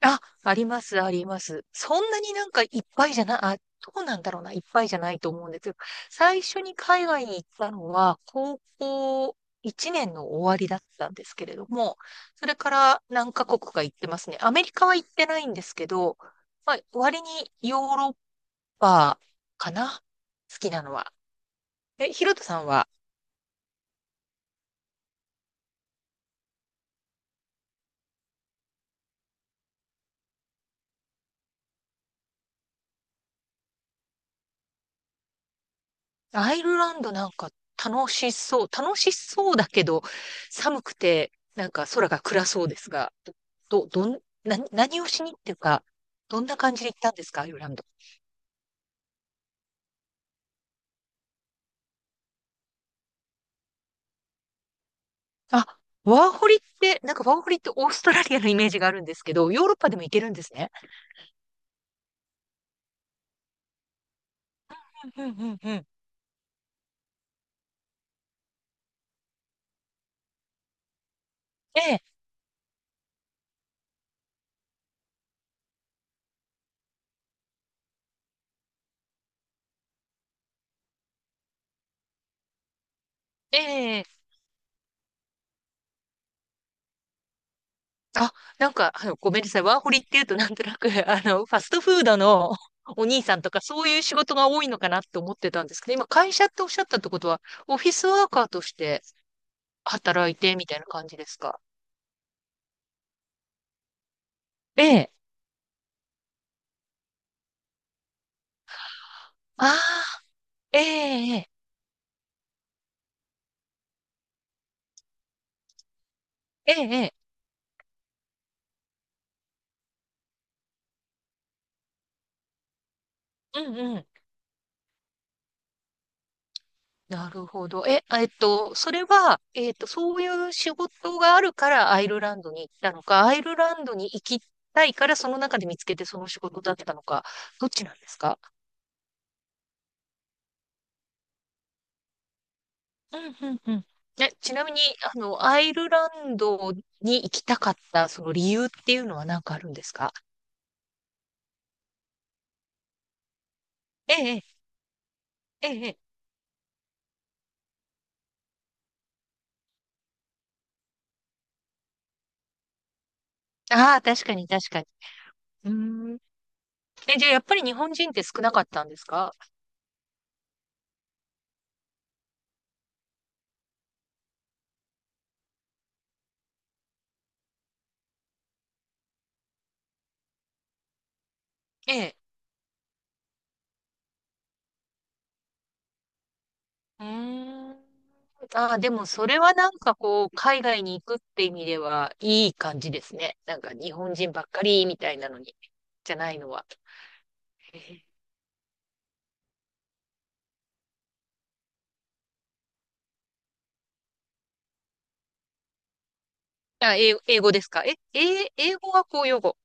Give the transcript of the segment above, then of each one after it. あ、あります、あります。そんなになんかいっぱいじゃない、あ、どうなんだろうな、いっぱいじゃないと思うんですけど、最初に海外に行ったのは、高校1年の終わりだったんですけれども、それから何カ国か行ってますね。アメリカは行ってないんですけど、まあ、割にヨーロッパかな、好きなのは。え、ヒロトさんは？アイルランドなんか楽しそう。楽しそうだけど、寒くて、なんか空が暗そうですが、ど、どん、な、何をしにっていうか、どんな感じで行ったんですか、アイルランド。あ、ワーホリって、なんかワーホリってオーストラリアのイメージがあるんですけど、ヨーロッパでも行けるんですね。うんうんうんうん。ええ、ええ。あ、なんか、ごめんなさい。ワーホリっていうとなんとなく、ファストフードのお兄さんとかそういう仕事が多いのかなって思ってたんですけど、今会社っておっしゃったってことは、オフィスワーカーとして働いてみたいな感じですか？ええ。ああ、ええ、ええ、ええ、うんうん。なるほど。え、あえっと、それは、そういう仕事があるからアイルランドに行ったのか、アイルランドに行きたいからその中で見つけてその仕事だったのか、どっちなんですか？うんうんうん。え、ちなみに、アイルランドに行きたかった、その理由っていうのは何かあるんですか？ええ、ええ、ええ。ああ、確かに、確かに。うーん。え、じゃあ、やっぱり日本人って少なかったんですか？ええ。うーん。ああ、でも、それはなんかこう、海外に行くって意味では、いい感じですね。なんか、日本人ばっかりみたいなのに、じゃないのは。ええ。英語ですか？英語は公用語。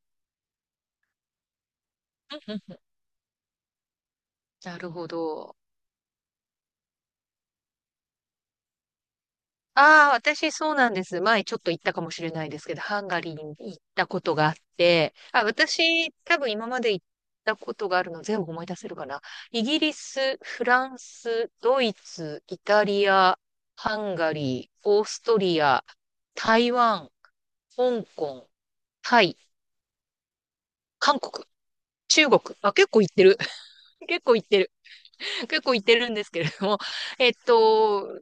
うんうんうん。なるほど。ああ、私そうなんです。前ちょっと行ったかもしれないですけど、ハンガリーに行ったことがあって、あ、私多分今まで行ったことがあるの全部思い出せるかな。イギリス、フランス、ドイツ、イタリア、ハンガリー、オーストリア、台湾、香港、タイ、韓国、中国。あ、結構行ってる。結構行ってる。結構行ってるんですけれども。えっと、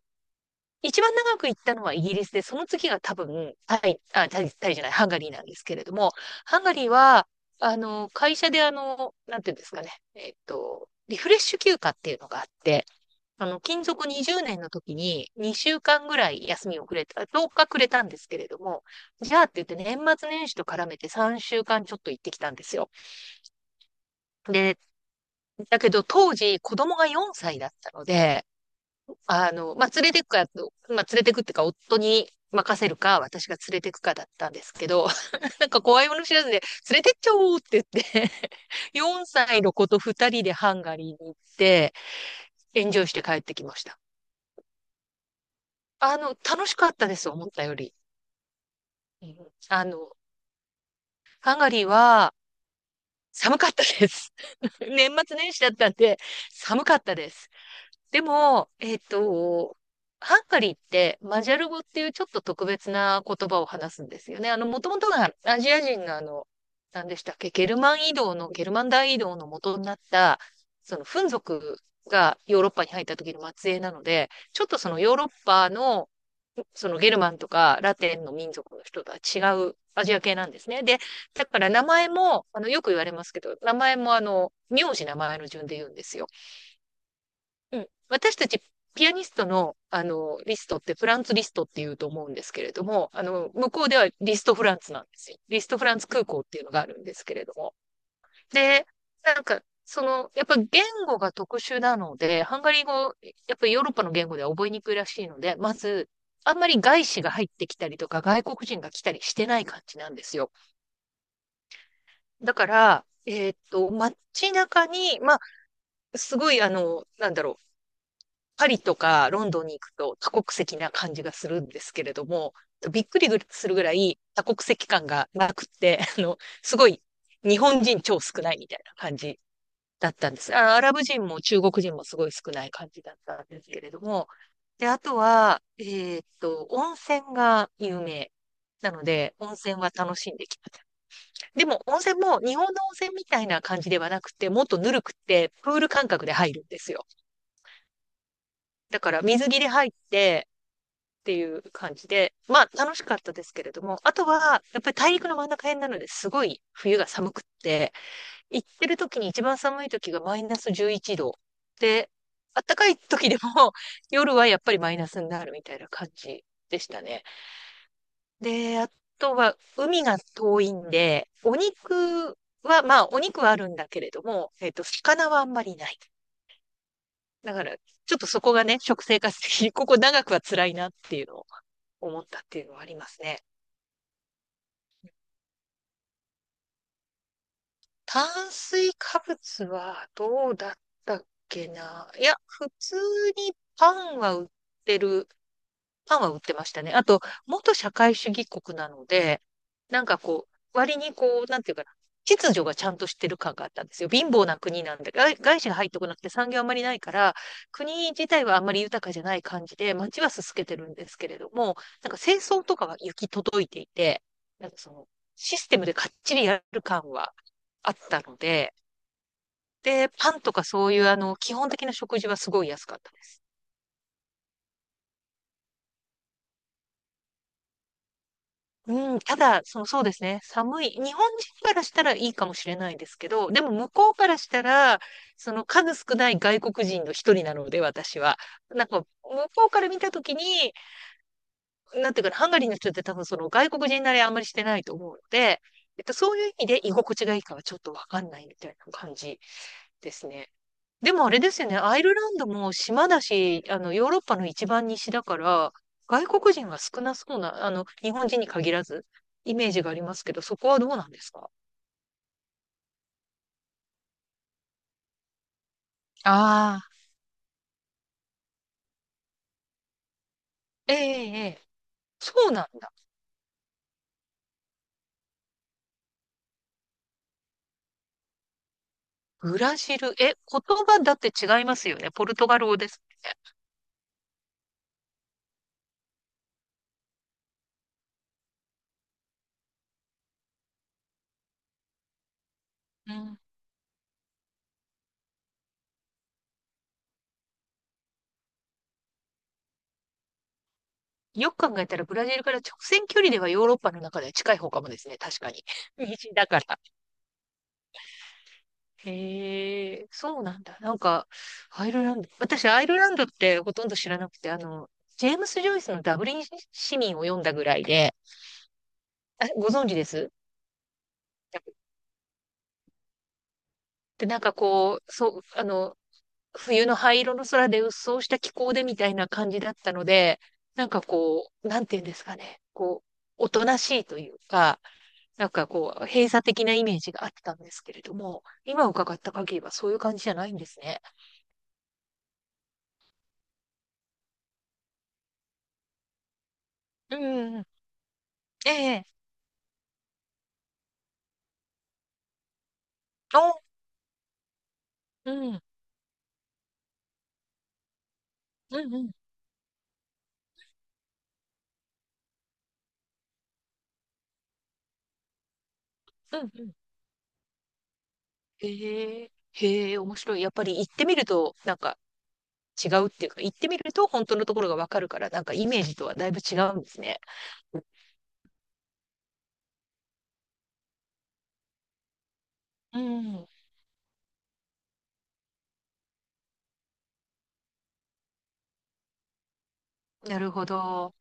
一番長く行ったのはイギリスで、その次が多分、タイ、あ、タイ、タイじゃない、ハンガリーなんですけれども、ハンガリーは、会社でなんていうんですかね、リフレッシュ休暇っていうのがあって、勤続20年の時に2週間ぐらい休みをくれた、10日くれたんですけれども、じゃあって言って年末年始と絡めて3週間ちょっと行ってきたんですよ。で、だけど当時子供が4歳だったので、まあ、連れてくか、まあ、連れてくってか、夫に任せるか、私が連れてくかだったんですけど、なんか怖いもの知らずで、連れてっちゃおうって言って4 歳の子と2人でハンガリーに行って、エンジョイして帰ってきました。楽しかったです、思ったより。うん、ハンガリーは寒かったです。年末年始だったんで、寒かったです。でも、ハンガリーってマジャル語っていうちょっと特別な言葉を話すんですよね。もともとがアジア人が何でしたっけ、ゲルマン移動の、ゲルマン大移動の元になった、その、フン族がヨーロッパに入った時の末裔なので、ちょっとそのヨーロッパの、そのゲルマンとかラテンの民族の人とは違うアジア系なんですね。で、だから名前も、よく言われますけど、名前も名字名前の順で言うんですよ。うん。私たちピアニストの、リストってフランツリストって言うと思うんですけれども、向こうではリストフランツなんですよ。リストフランツ空港っていうのがあるんですけれども。で、なんか、その、やっぱ言語が特殊なので、ハンガリー語、やっぱりヨーロッパの言語では覚えにくいらしいので、まず、あんまり外資が入ってきたりとか、外国人が来たりしてない感じなんですよ。だから、街中に、まあ、すごい、なんだろう、パリとかロンドンに行くと多国籍な感じがするんですけれども、びっくりするぐらい多国籍感がなくて、すごい日本人超少ないみたいな感じだったんです。アラブ人も中国人もすごい少ない感じだったんですけれども、で、あとは、温泉が有名。なので、温泉は楽しんできました。でも、温泉も日本の温泉みたいな感じではなくて、もっとぬるくて、プール感覚で入るんですよ。だから、水着で入って、っていう感じで、まあ楽しかったですけれども、あとはやっぱり大陸の真ん中辺なのですごい冬が寒くって、行ってる時に一番寒い時がマイナス11度で、暖かい時でも 夜はやっぱりマイナスになるみたいな感じでしたね。で、あとは海が遠いんで、お肉は、まあお肉はあるんだけれども、魚はあんまりない。だから、ちょっとそこがね、食生活的にここ長くは辛いなっていうのを思ったっていうのはありますね。炭水化物はどうだったっけな。いや、普通にパンは売ってる。パンは売ってましたね。あと、元社会主義国なので、なんかこう、割にこう、なんていうかな、秩序がちゃんとしてる感があったんですよ。貧乏な国なんで、外資が入ってこなくて産業あんまりないから、国自体はあんまり豊かじゃない感じで、街はすすけてるんですけれども、なんか清掃とかは行き届いていて、なんかその、システムでかっちりやる感はあったので、で、パンとかそういう基本的な食事はすごい安かったです。うん、ただ、その、そうですね、寒い、日本人からしたらいいかもしれないですけど、でも向こうからしたら、その数少ない外国人の一人なので、私は。なんか、向こうから見たときに、なんていうかな、ハンガリーの人って多分その外国人慣れあんまりしてないと思うので、そういう意味で居心地がいいかはちょっとわかんないみたいな感じですね。でもあれですよね、アイルランドも島だし、ヨーロッパの一番西だから、外国人が少なそうな、日本人に限らず、イメージがありますけど、そこはどうなんですか？ああ、ええ、ええ、そうなんだ。ブラジル、え、言葉だって違いますよね。ポルトガル語ですね。うん。よく考えたら、ブラジルから直線距離ではヨーロッパの中では近い方かもですね。確かに。西だから。へえ、そうなんだ。なんか、アイルランド、私、アイルランドってほとんど知らなくて、ジェームス・ジョイスのダブリン市民を読んだぐらいで、あ、ご存知です？で、なんかこう、そう、冬の灰色の空で鬱蒼した気候でみたいな感じだったので、なんかこう、なんていうんですかね、こう、おとなしいというか、なんかこう、閉鎖的なイメージがあったんですけれども、今伺った限りはそういう感じじゃないんですね。うん、ええ、お、うん。うんうん。うんうん。へえ、へえ、面白い。やっぱり行ってみると、なんか違うっていうか、行ってみると本当のところがわかるから、なんかイメージとはだいぶ違うんですね。うん。なるほど。